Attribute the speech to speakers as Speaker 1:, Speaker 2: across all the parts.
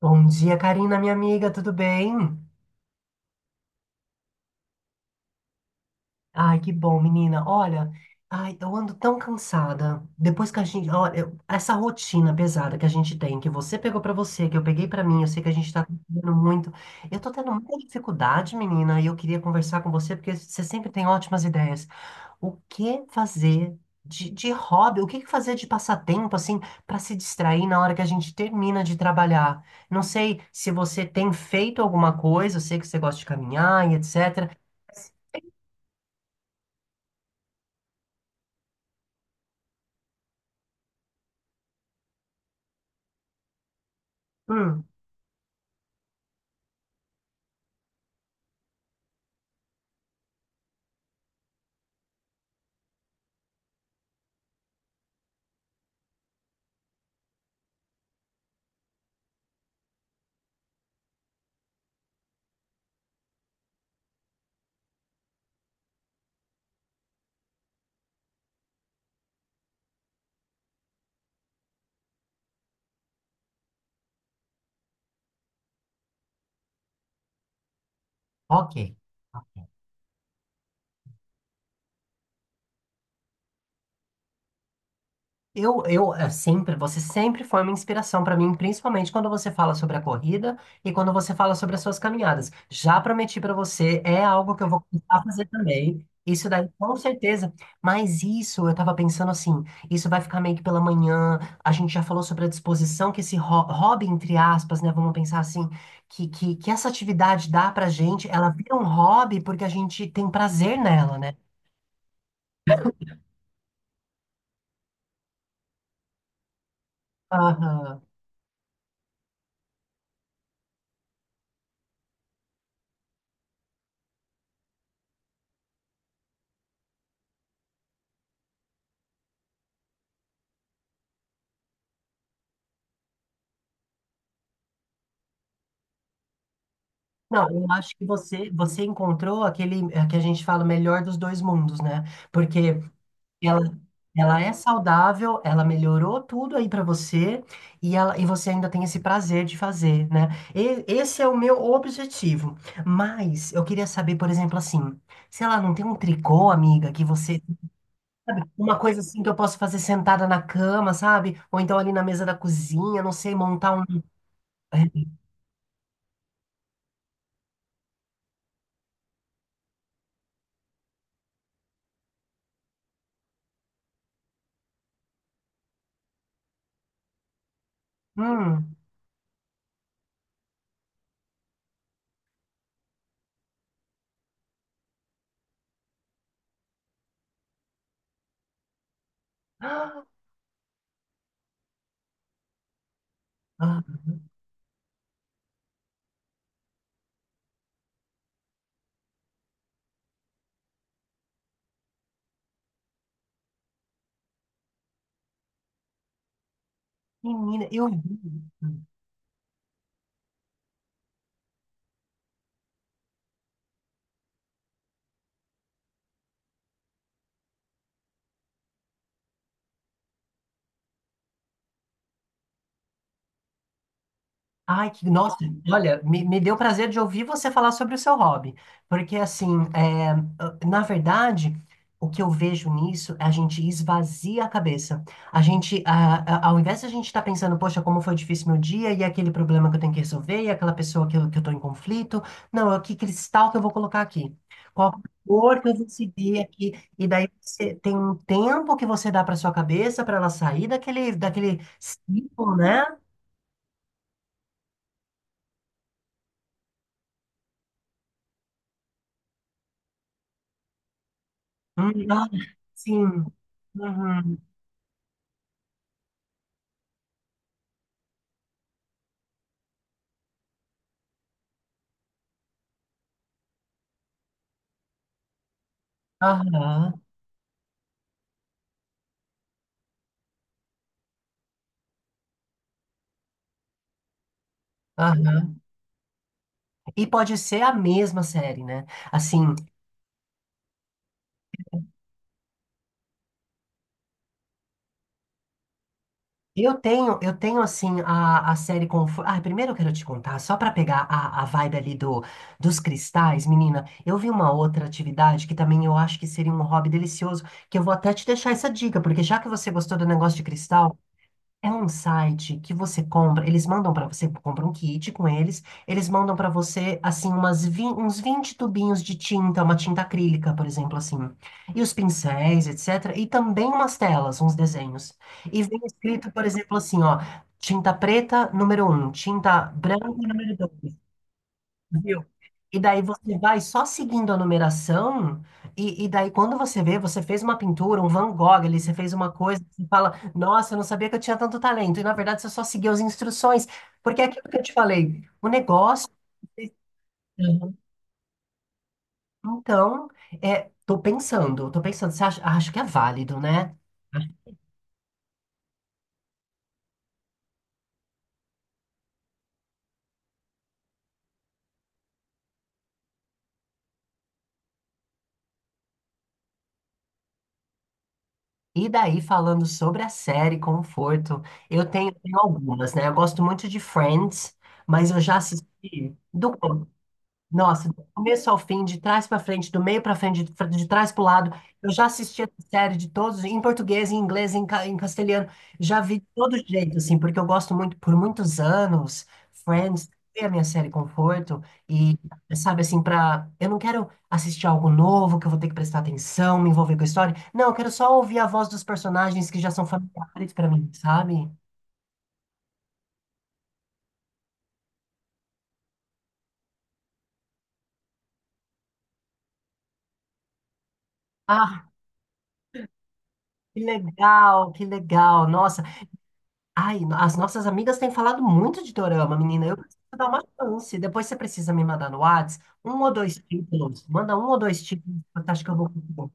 Speaker 1: Bom dia, Karina, minha amiga, tudo bem? Ai, que bom, menina. Olha, ai, eu ando tão cansada. Depois que a gente, olha, essa rotina pesada que a gente tem, que você pegou pra você, que eu peguei pra mim, eu sei que a gente tá contribuindo muito. Eu tô tendo muita dificuldade, menina, e eu queria conversar com você porque você sempre tem ótimas ideias. O que fazer de hobby? O que que fazer de passatempo, assim, para se distrair na hora que a gente termina de trabalhar? Não sei se você tem feito alguma coisa, eu sei que você gosta de caminhar e etc. Hum, ok. Você sempre foi uma inspiração para mim, principalmente quando você fala sobre a corrida e quando você fala sobre as suas caminhadas. Já prometi para você, é algo que eu vou começar a fazer também. Isso daí, com certeza. Mas isso, eu tava pensando assim, isso vai ficar meio que pela manhã. A gente já falou sobre a disposição que esse hobby, entre aspas, né? Vamos pensar assim, que essa atividade dá pra gente, ela vira um hobby porque a gente tem prazer nela, né? Aham. Não, eu acho que você encontrou aquele é, que a gente fala, o melhor dos dois mundos, né? Porque ela, ela é saudável, ela melhorou tudo aí pra você e, ela, e você ainda tem esse prazer de fazer, né? Esse é o meu objetivo. Mas eu queria saber, por exemplo, assim, sei lá, não tem um tricô, amiga, que você. Uma coisa assim que eu posso fazer sentada na cama, sabe? Ou então ali na mesa da cozinha, não sei, montar um. Hum. Ah, ah, menina, eu vi. Ai, que, nossa, olha, me deu prazer de ouvir você falar sobre o seu hobby, porque assim, é, na verdade, o que eu vejo nisso é a gente esvazia a cabeça. A gente, ao invés de a gente estar pensando, poxa, como foi difícil meu dia, e aquele problema que eu tenho que resolver, e aquela pessoa que eu tô em conflito, não, é que cristal que eu vou colocar aqui? Qual cor que eu vou seguir aqui? E daí você tem um tempo que você dá para sua cabeça para ela sair daquele ciclo, né? Ah, sim. Uhum. Aham, aham. E pode ser a mesma série, né? Assim, eu tenho assim a série com. Ah, primeiro eu quero te contar, só para pegar a vibe ali do, dos cristais, menina, eu vi uma outra atividade que também eu acho que seria um hobby delicioso, que eu vou até te deixar essa dica, porque já que você gostou do negócio de cristal. É um site que você compra, eles mandam para você, compra um kit com eles, eles mandam para você, assim, umas uns 20 tubinhos de tinta, uma tinta acrílica, por exemplo, assim, e os pincéis, etc. E também umas telas, uns desenhos. E vem escrito, por exemplo, assim, ó, tinta preta, número um, tinta branca, número dois. Viu? E daí você vai só seguindo a numeração, e daí quando você vê, você fez uma pintura, um Van Gogh ali, você fez uma coisa, você fala, nossa, eu não sabia que eu tinha tanto talento. E na verdade você só seguiu as instruções. Porque é aquilo que eu te falei, o negócio. Uhum. Então, é, tô pensando, você acha, acho que é válido, né? E daí, falando sobre a série Conforto, eu tenho, tenho algumas, né? Eu gosto muito de Friends, mas eu já assisti do começo. Nossa, do começo ao fim, de trás para frente, do meio para frente, de trás para o lado. Eu já assisti essa série de todos, em português, em inglês, em, em castelhano. Já vi de todo jeito, assim, porque eu gosto muito, por muitos anos, Friends foi a minha série conforto. E, sabe, assim, para. Eu não quero assistir algo novo, que eu vou ter que prestar atenção, me envolver com a história. Não, eu quero só ouvir a voz dos personagens que já são familiares para mim, sabe? Ah, que legal, que legal. Nossa. Ai, as nossas amigas têm falado muito de dorama, menina. Eu preciso dar uma chance. Depois você precisa me mandar no Whats um ou dois títulos. Manda um ou dois títulos, eu acho que eu vou conseguir.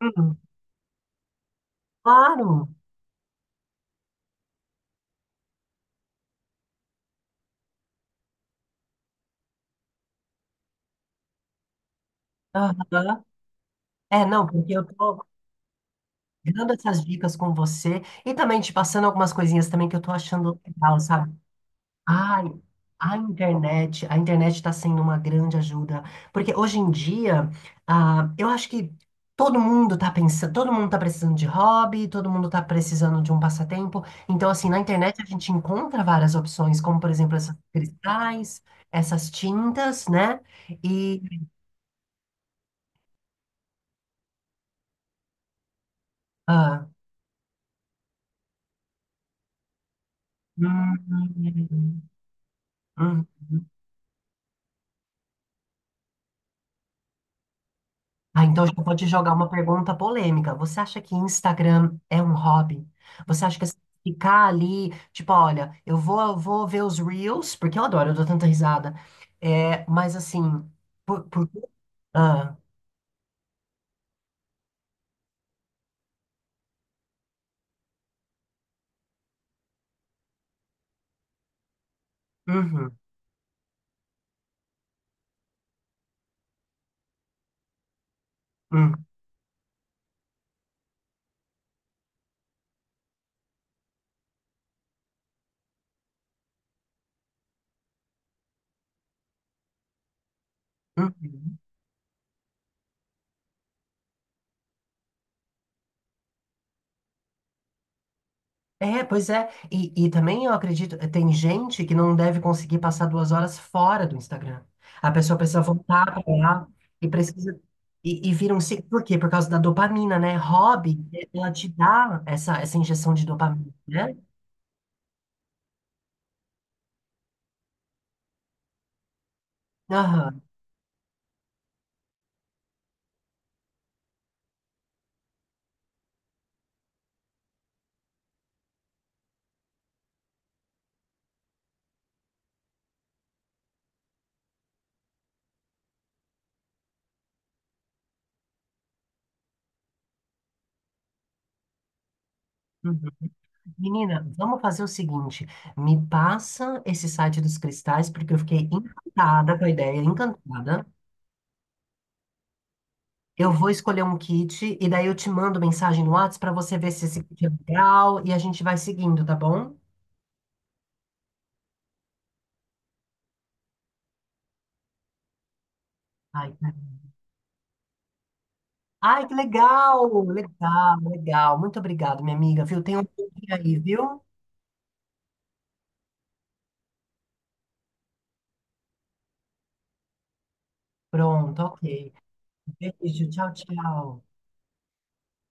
Speaker 1: Hum, claro. Aham. É, não, porque eu tô dando essas dicas com você e também te passando algumas coisinhas também que eu tô achando legal, sabe? Ai, a internet está sendo uma grande ajuda, porque hoje em dia, ah, eu acho que todo mundo está pensando, todo mundo está precisando de hobby, todo mundo está precisando de um passatempo. Então, assim, na internet a gente encontra várias opções, como por exemplo esses cristais, essas tintas, né? E ah, hum, hum, hum. Hum. Ah, então eu já vou te jogar uma pergunta polêmica. Você acha que Instagram é um hobby? Você acha que assim, ficar ali, tipo, olha, eu vou ver os Reels, porque eu adoro, eu dou tanta risada. É, mas assim, por... Ah, uhum, uhum, uhum. É, pois é. E também eu acredito, tem gente que não deve conseguir passar 2 horas fora do Instagram. A pessoa precisa voltar para lá e precisa. E vira um ciclo. Por quê? Por causa da dopamina, né? Hobby, ela te dá essa, essa injeção de dopamina, né? Aham. Uhum. Menina, vamos fazer o seguinte: me passa esse site dos cristais, porque eu fiquei encantada com a ideia, encantada. Eu vou escolher um kit e daí eu te mando mensagem no WhatsApp para você ver se esse kit é legal e a gente vai seguindo, tá bom? Ai, tá. Ai, que legal! Legal, legal. Muito obrigado, minha amiga, viu? Tem um link aí, viu? Pronto, ok. Beijo, tchau, tchau.